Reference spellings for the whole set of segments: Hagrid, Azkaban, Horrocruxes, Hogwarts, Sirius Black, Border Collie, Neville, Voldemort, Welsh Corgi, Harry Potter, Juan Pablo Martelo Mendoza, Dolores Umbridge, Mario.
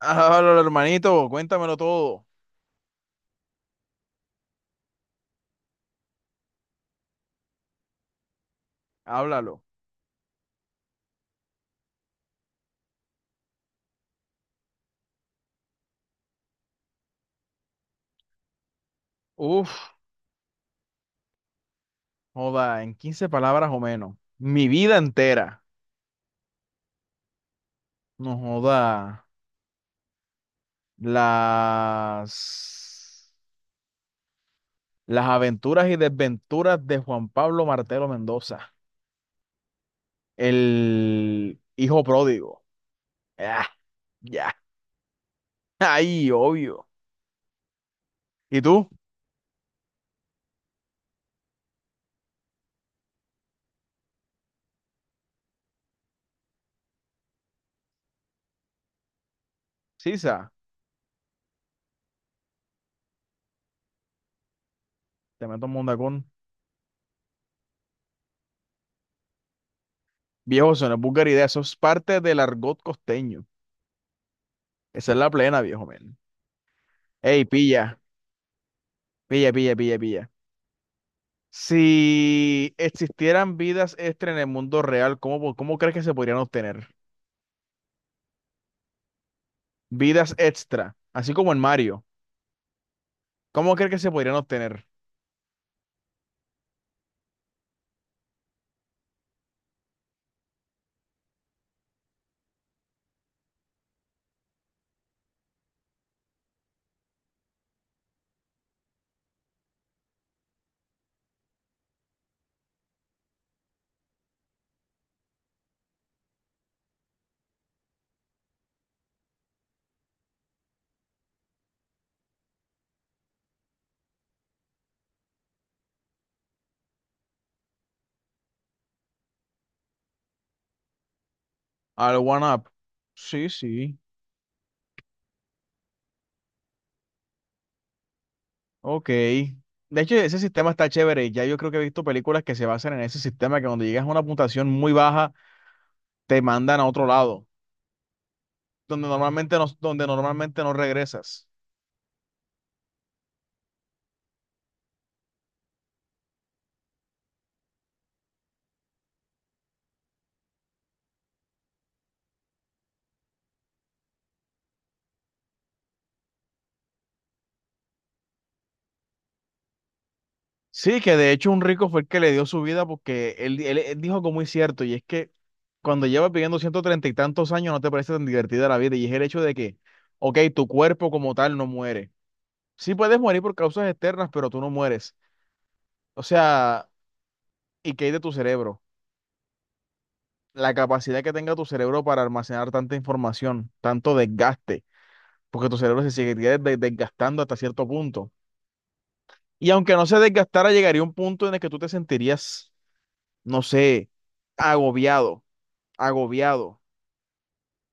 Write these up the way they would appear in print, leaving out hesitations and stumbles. Háblalo, hermanito, cuéntamelo todo. Háblalo. Uf, joda, en 15 palabras o menos. Mi vida entera. No joda. Las, las aventuras y desventuras de Juan Pablo Martelo Mendoza, el hijo pródigo. Ah, ya, ahí, obvio. ¿Y tú? Sisa, te meto un mundacón. Viejo, eso no es vulgaridad, eso es parte del argot costeño. Esa es la plena, viejo men. Ey, pilla, pilla, pilla, pilla, pilla. Si existieran vidas extra en el mundo real, ¿cómo crees que se podrían obtener? Vidas extra, así como en Mario. ¿Cómo crees que se podrían obtener? Al One Up. Sí, sí. Ok. De hecho, ese sistema está chévere. Ya yo creo que he visto películas que se basan en ese sistema, que cuando llegas a una puntuación muy baja, te mandan a otro lado, donde normalmente no regresas. Sí, que de hecho un rico fue el que le dio su vida porque él dijo algo muy cierto, y es que cuando llevas viviendo 130 y tantos años no te parece tan divertida la vida, y es el hecho de que, ok, tu cuerpo como tal no muere. Sí puedes morir por causas externas, pero tú no mueres. O sea, ¿y qué hay de tu cerebro? La capacidad que tenga tu cerebro para almacenar tanta información, tanto desgaste, porque tu cerebro se seguiría desgastando hasta cierto punto. Y aunque no se desgastara, llegaría un punto en el que tú te sentirías, no sé, agobiado agobiado.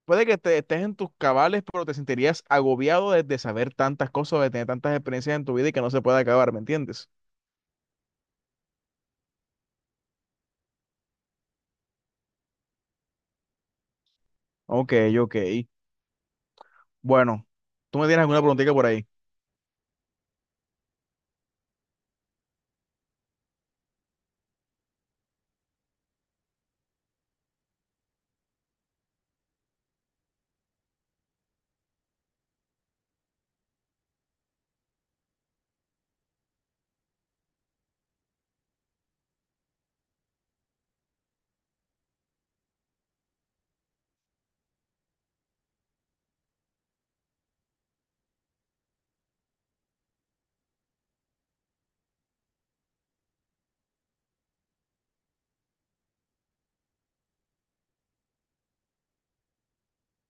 Puede que estés en tus cabales, pero te sentirías agobiado de saber tantas cosas, de tener tantas experiencias en tu vida y que no se puede acabar, ¿me entiendes? Ok, ok. Bueno, ¿tú me tienes alguna preguntita por ahí?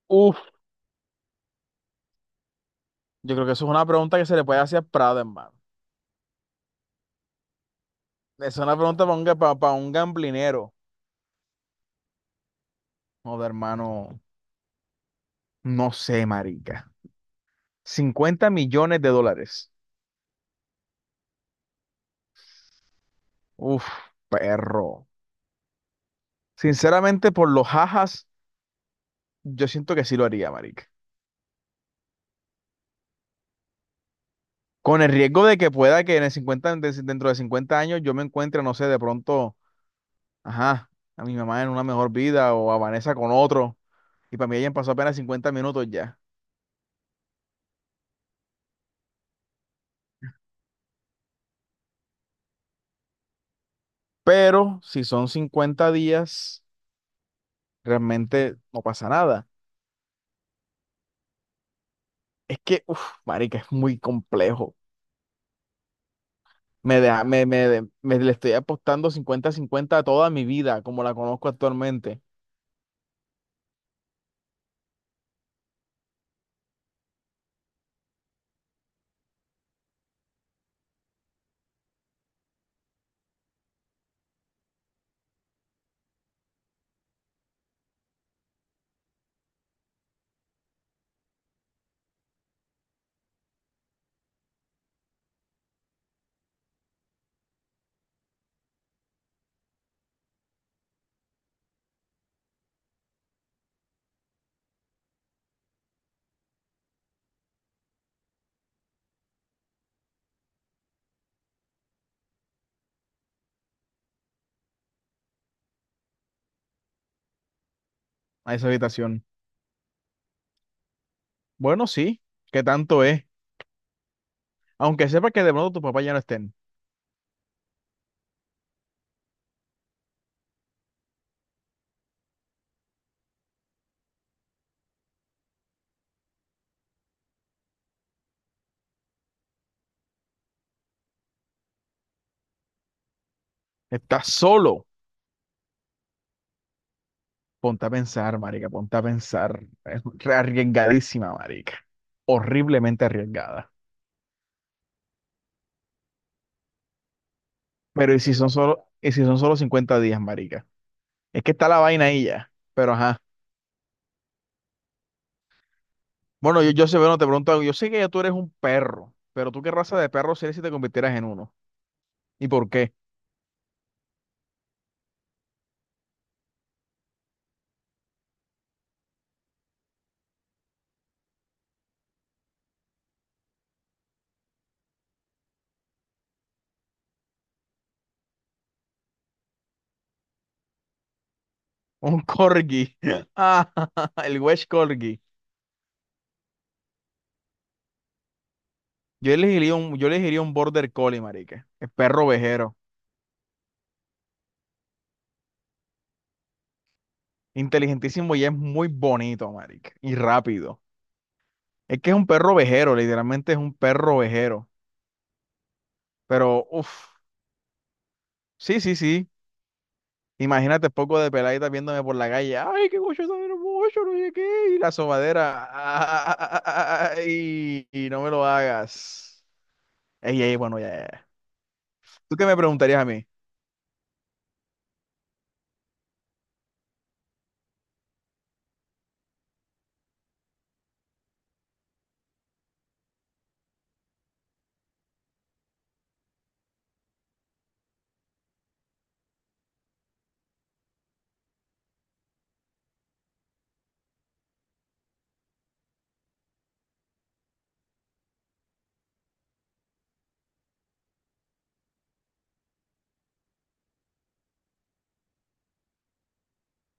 Uf, yo creo que eso es una pregunta que se le puede hacer a Prada, hermano. Esa es una pregunta para un, pa un gamblinero. Joder, hermano, no sé, marica. 50 millones de dólares. Uf, perro. Sinceramente, por los jajas, yo siento que sí lo haría, marica. Con el riesgo de que pueda que en el 50, de- dentro de 50 años yo me encuentre, no sé, de pronto, ajá, a mi mamá en una mejor vida o a Vanessa con otro. Y para mí hayan pasó apenas 50 minutos ya. Pero si son 50 días, realmente no pasa nada. Es que, uff, marica, es muy complejo. Me, deja- me, de- me le estoy apostando 50 cincuenta a toda mi vida, como la conozco actualmente, a esa habitación. Bueno, sí, ¿qué tanto es? Aunque sepa que de pronto tus papás ya no estén. Estás solo. Ponte a pensar, marica, ponte a pensar. Es re arriesgadísima, marica. Horriblemente arriesgada. Pero ¿y si son solo 50 días, marica? Es que está la vaina ahí ya. Pero ajá. Bueno, yo sé, bueno, te pregunto algo. Yo sé que ya tú eres un perro, pero tú qué raza de perro serías si te convirtieras en uno. ¿Y por qué? Un corgi. Ah, el Welsh Corgi. Yo elegiría un Border Collie, marica. El perro ovejero. Inteligentísimo y es muy bonito, marica. Y rápido. Es que es un perro ovejero, literalmente es un perro ovejero. Pero, uff, sí, sí, sí. Imagínate poco de peladita viéndome por la calle. Ay, qué gocho tan hermoso, no sé qué. Y la sobadera. Ay, y no me lo hagas. Ey, ey, bueno, ya, ya, ya. ¿Tú qué me preguntarías a mí?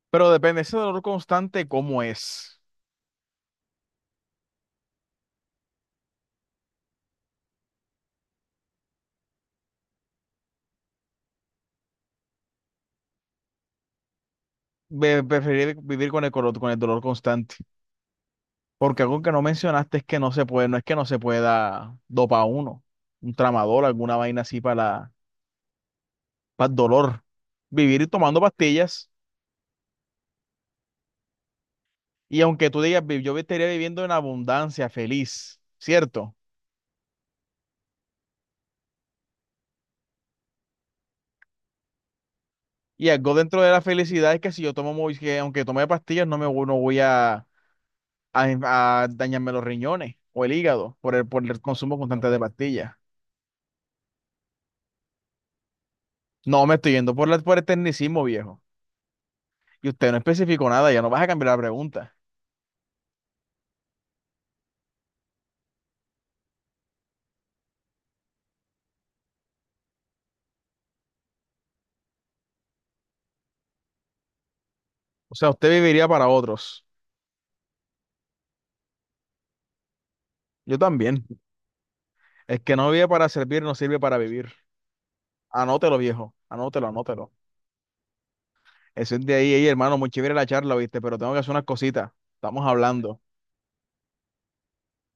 Pero depende, ese dolor constante, ¿cómo es? Preferir vivir con el, con el dolor constante. Porque algo que no mencionaste es que no se puede, no es que no se pueda dopar uno, un tramador, alguna vaina así para el dolor, vivir tomando pastillas, y aunque tú digas: "Yo estaría viviendo en abundancia, feliz, ¿cierto?". Y algo dentro de la felicidad es que si yo tomo, muy- que aunque tome pastillas, no voy a, a dañarme los riñones o el hígado por el consumo constante de Ok. pastillas. No, me estoy yendo por, la, por el tecnicismo, viejo. Y usted no especificó nada, ya no vas a cambiar la pregunta. O sea, usted viviría para otros. Yo también. El que no vive para servir no sirve para vivir. Anótelo, viejo. Anótelo, anótelo. Eso es de ahí. Ey, hermano, muy chévere la charla, ¿viste? Pero tengo que hacer unas cositas. Estamos hablando.